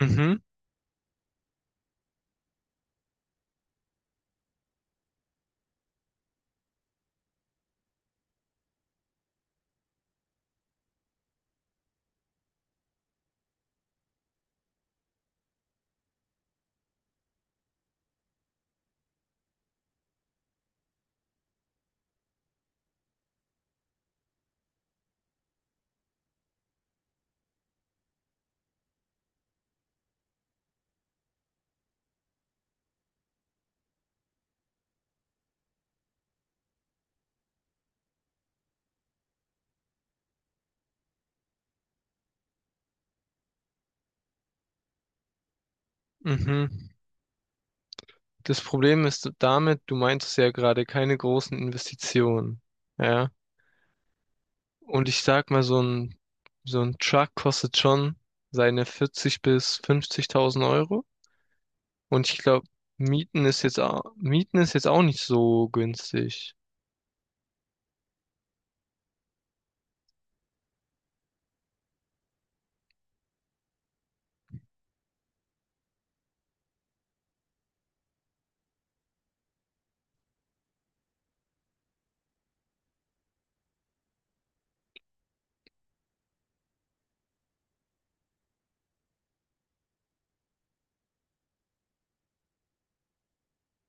Mhm, mhm. Das Problem ist damit, du meintest ja gerade keine großen Investitionen. Ja. Und ich sag mal, so ein Truck kostet schon seine 40 bis 50.000 Euro. Und ich glaube, Mieten ist jetzt auch nicht so günstig.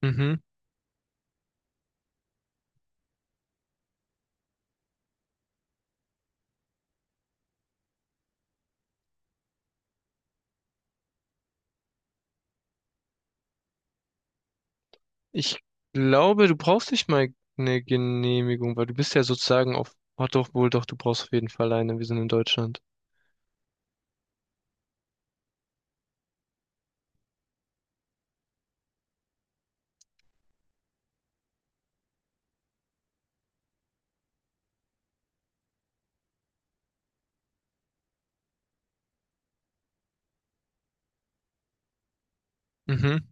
Mhm. Ich glaube, du brauchst nicht mal eine Genehmigung, weil du bist ja sozusagen auf, oh doch, wohl doch, du brauchst auf jeden Fall eine. Wir sind in Deutschland. Mhm.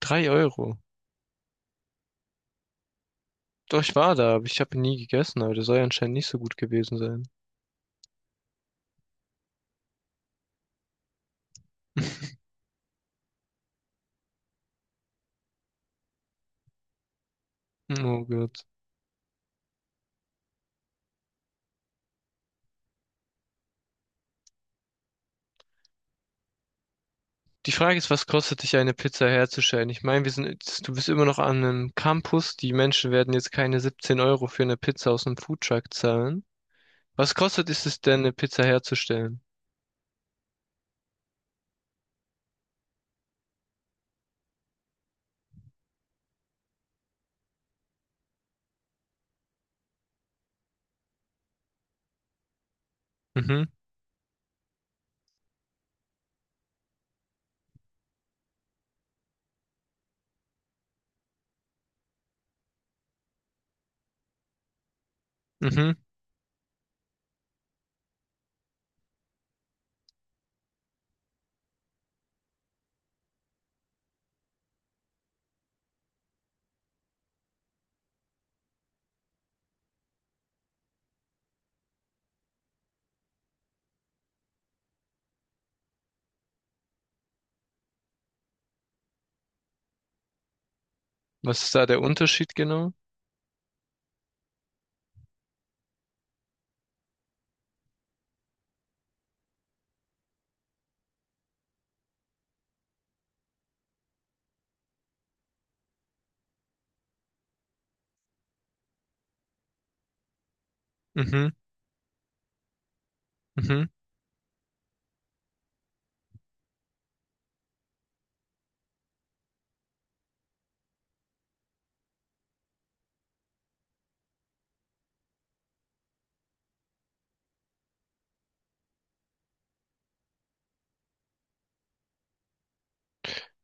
3 Euro. Doch, ich war da, aber ich habe nie gegessen, aber das soll ja anscheinend nicht so gut gewesen sein. Oh Gott. Die Frage ist, was kostet dich eine Pizza herzustellen? Ich meine, du bist immer noch an einem Campus. Die Menschen werden jetzt keine 17 Euro für eine Pizza aus einem Foodtruck zahlen. Was kostet ist es denn, eine Pizza herzustellen? Mhm, mhm. Was ist da der Unterschied genau? Mhm, mhm.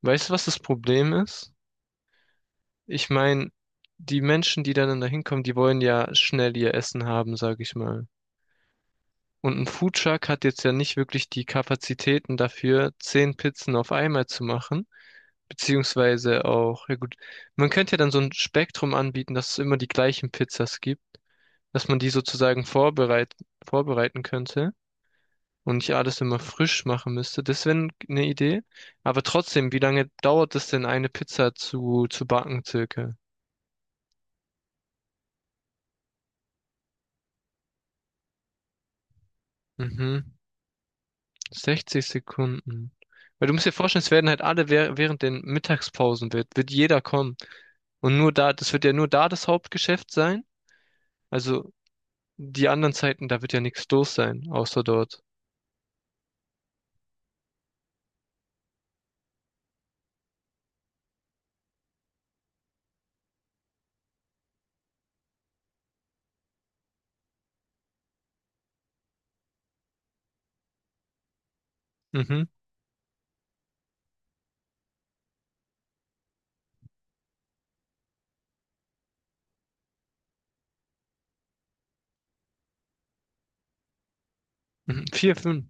Weißt du, was das Problem ist? Ich meine, die Menschen, die dann da hinkommen, die wollen ja schnell ihr Essen haben, sag ich mal. Und ein Foodtruck hat jetzt ja nicht wirklich die Kapazitäten dafür, 10 Pizzen auf einmal zu machen. Beziehungsweise auch, ja gut, man könnte ja dann so ein Spektrum anbieten, dass es immer die gleichen Pizzas gibt, dass man die sozusagen vorbereiten könnte. Und ich alles immer frisch machen müsste. Das wäre eine Idee. Aber trotzdem, wie lange dauert es denn, eine Pizza zu backen, circa? Mhm. 60 Sekunden. Weil du musst dir vorstellen, es werden halt alle während den Mittagspausen wird jeder kommen. Und nur da, das wird ja nur da das Hauptgeschäft sein. Also die anderen Zeiten, da wird ja nichts los sein, außer dort. Mhm. Mhm. Vier, fünf.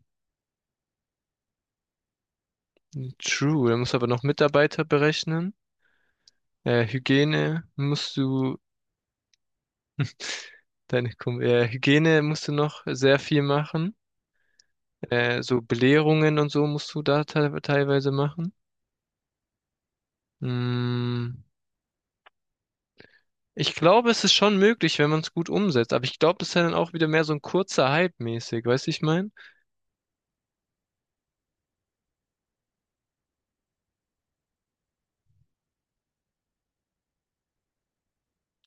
True. Da musst du aber noch Mitarbeiter berechnen. Hygiene musst du Technikum. Hygiene musst du noch sehr viel machen. So Belehrungen und so musst du da te teilweise machen. Mm, Ich glaube, es ist schon möglich, wenn man es gut umsetzt. Aber ich glaube, das ist ja dann auch wieder mehr so ein kurzer Hype mäßig. Weißt du, ich meine?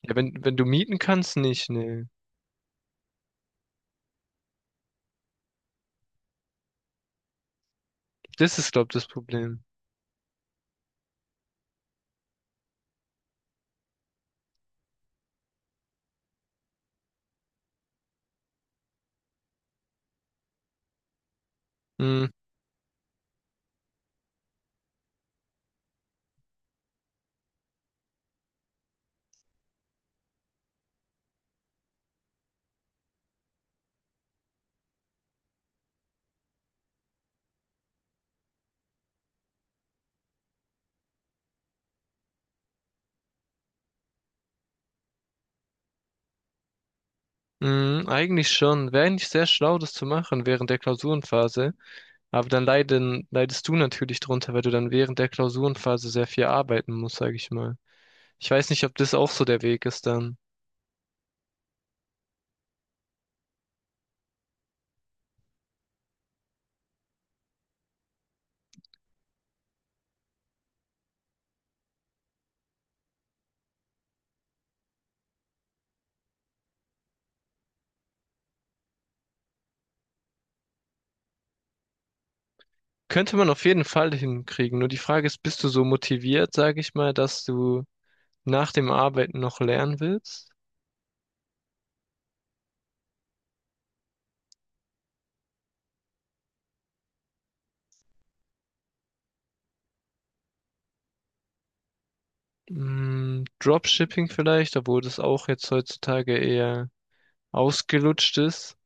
Ja, wenn du mieten kannst, nicht. Ne, das ist, glaube ich, das Problem. Mm, eigentlich schon. Wäre eigentlich sehr schlau, das zu machen während der Klausurenphase. Aber dann leidest du natürlich drunter, weil du dann während der Klausurenphase sehr viel arbeiten musst, sage ich mal. Ich weiß nicht, ob das auch so der Weg ist dann. Könnte man auf jeden Fall hinkriegen. Nur die Frage ist, bist du so motiviert, sage ich mal, dass du nach dem Arbeiten noch lernen willst? Dropshipping vielleicht, obwohl das auch jetzt heutzutage eher ausgelutscht ist.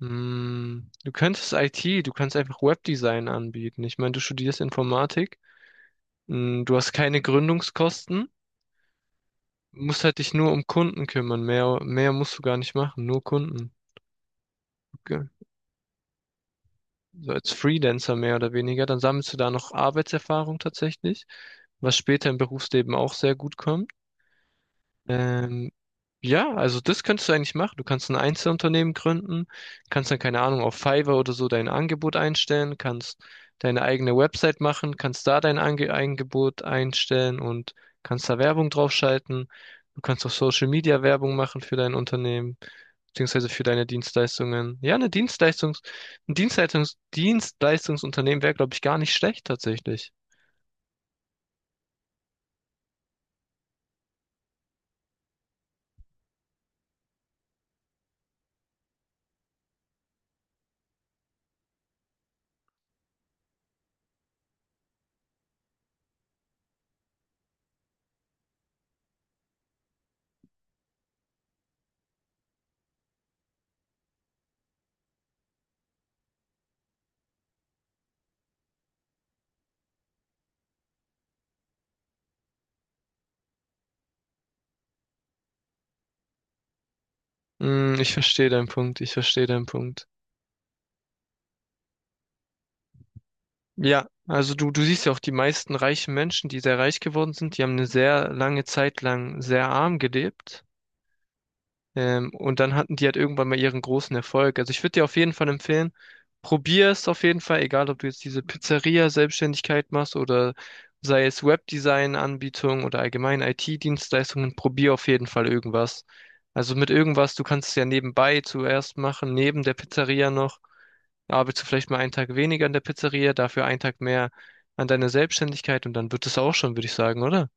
Du könntest IT, du kannst einfach Webdesign anbieten. Ich meine, du studierst Informatik, du hast keine Gründungskosten, musst halt dich nur um Kunden kümmern. Mehr musst du gar nicht machen, nur Kunden. So als Freelancer mehr oder weniger, dann sammelst du da noch Arbeitserfahrung tatsächlich, was später im Berufsleben auch sehr gut kommt. Ähm, ja, also das könntest du eigentlich machen. Du kannst ein Einzelunternehmen gründen, kannst dann, keine Ahnung, auf Fiverr oder so dein Angebot einstellen, kannst deine eigene Website machen, kannst da dein Angebot einstellen und kannst da Werbung draufschalten. Du kannst auch Social Media Werbung machen für dein Unternehmen, beziehungsweise für deine Dienstleistungen. Ja, ein Dienstleistungsunternehmen wäre, glaube ich, gar nicht schlecht tatsächlich. Ich verstehe deinen Punkt, ich verstehe deinen Punkt. Ja, also du siehst ja auch die meisten reichen Menschen, die sehr reich geworden sind, die haben eine sehr lange Zeit lang sehr arm gelebt. Und dann hatten die halt irgendwann mal ihren großen Erfolg. Also ich würde dir auf jeden Fall empfehlen, probier es auf jeden Fall, egal ob du jetzt diese Pizzeria-Selbstständigkeit machst oder sei es Webdesign-Anbietung oder allgemein IT-Dienstleistungen, probier auf jeden Fall irgendwas. Also mit irgendwas, du kannst es ja nebenbei zuerst machen, neben der Pizzeria noch. Arbeitest du vielleicht mal einen Tag weniger an der Pizzeria, dafür einen Tag mehr an deiner Selbstständigkeit und dann wird es auch schon, würde ich sagen, oder?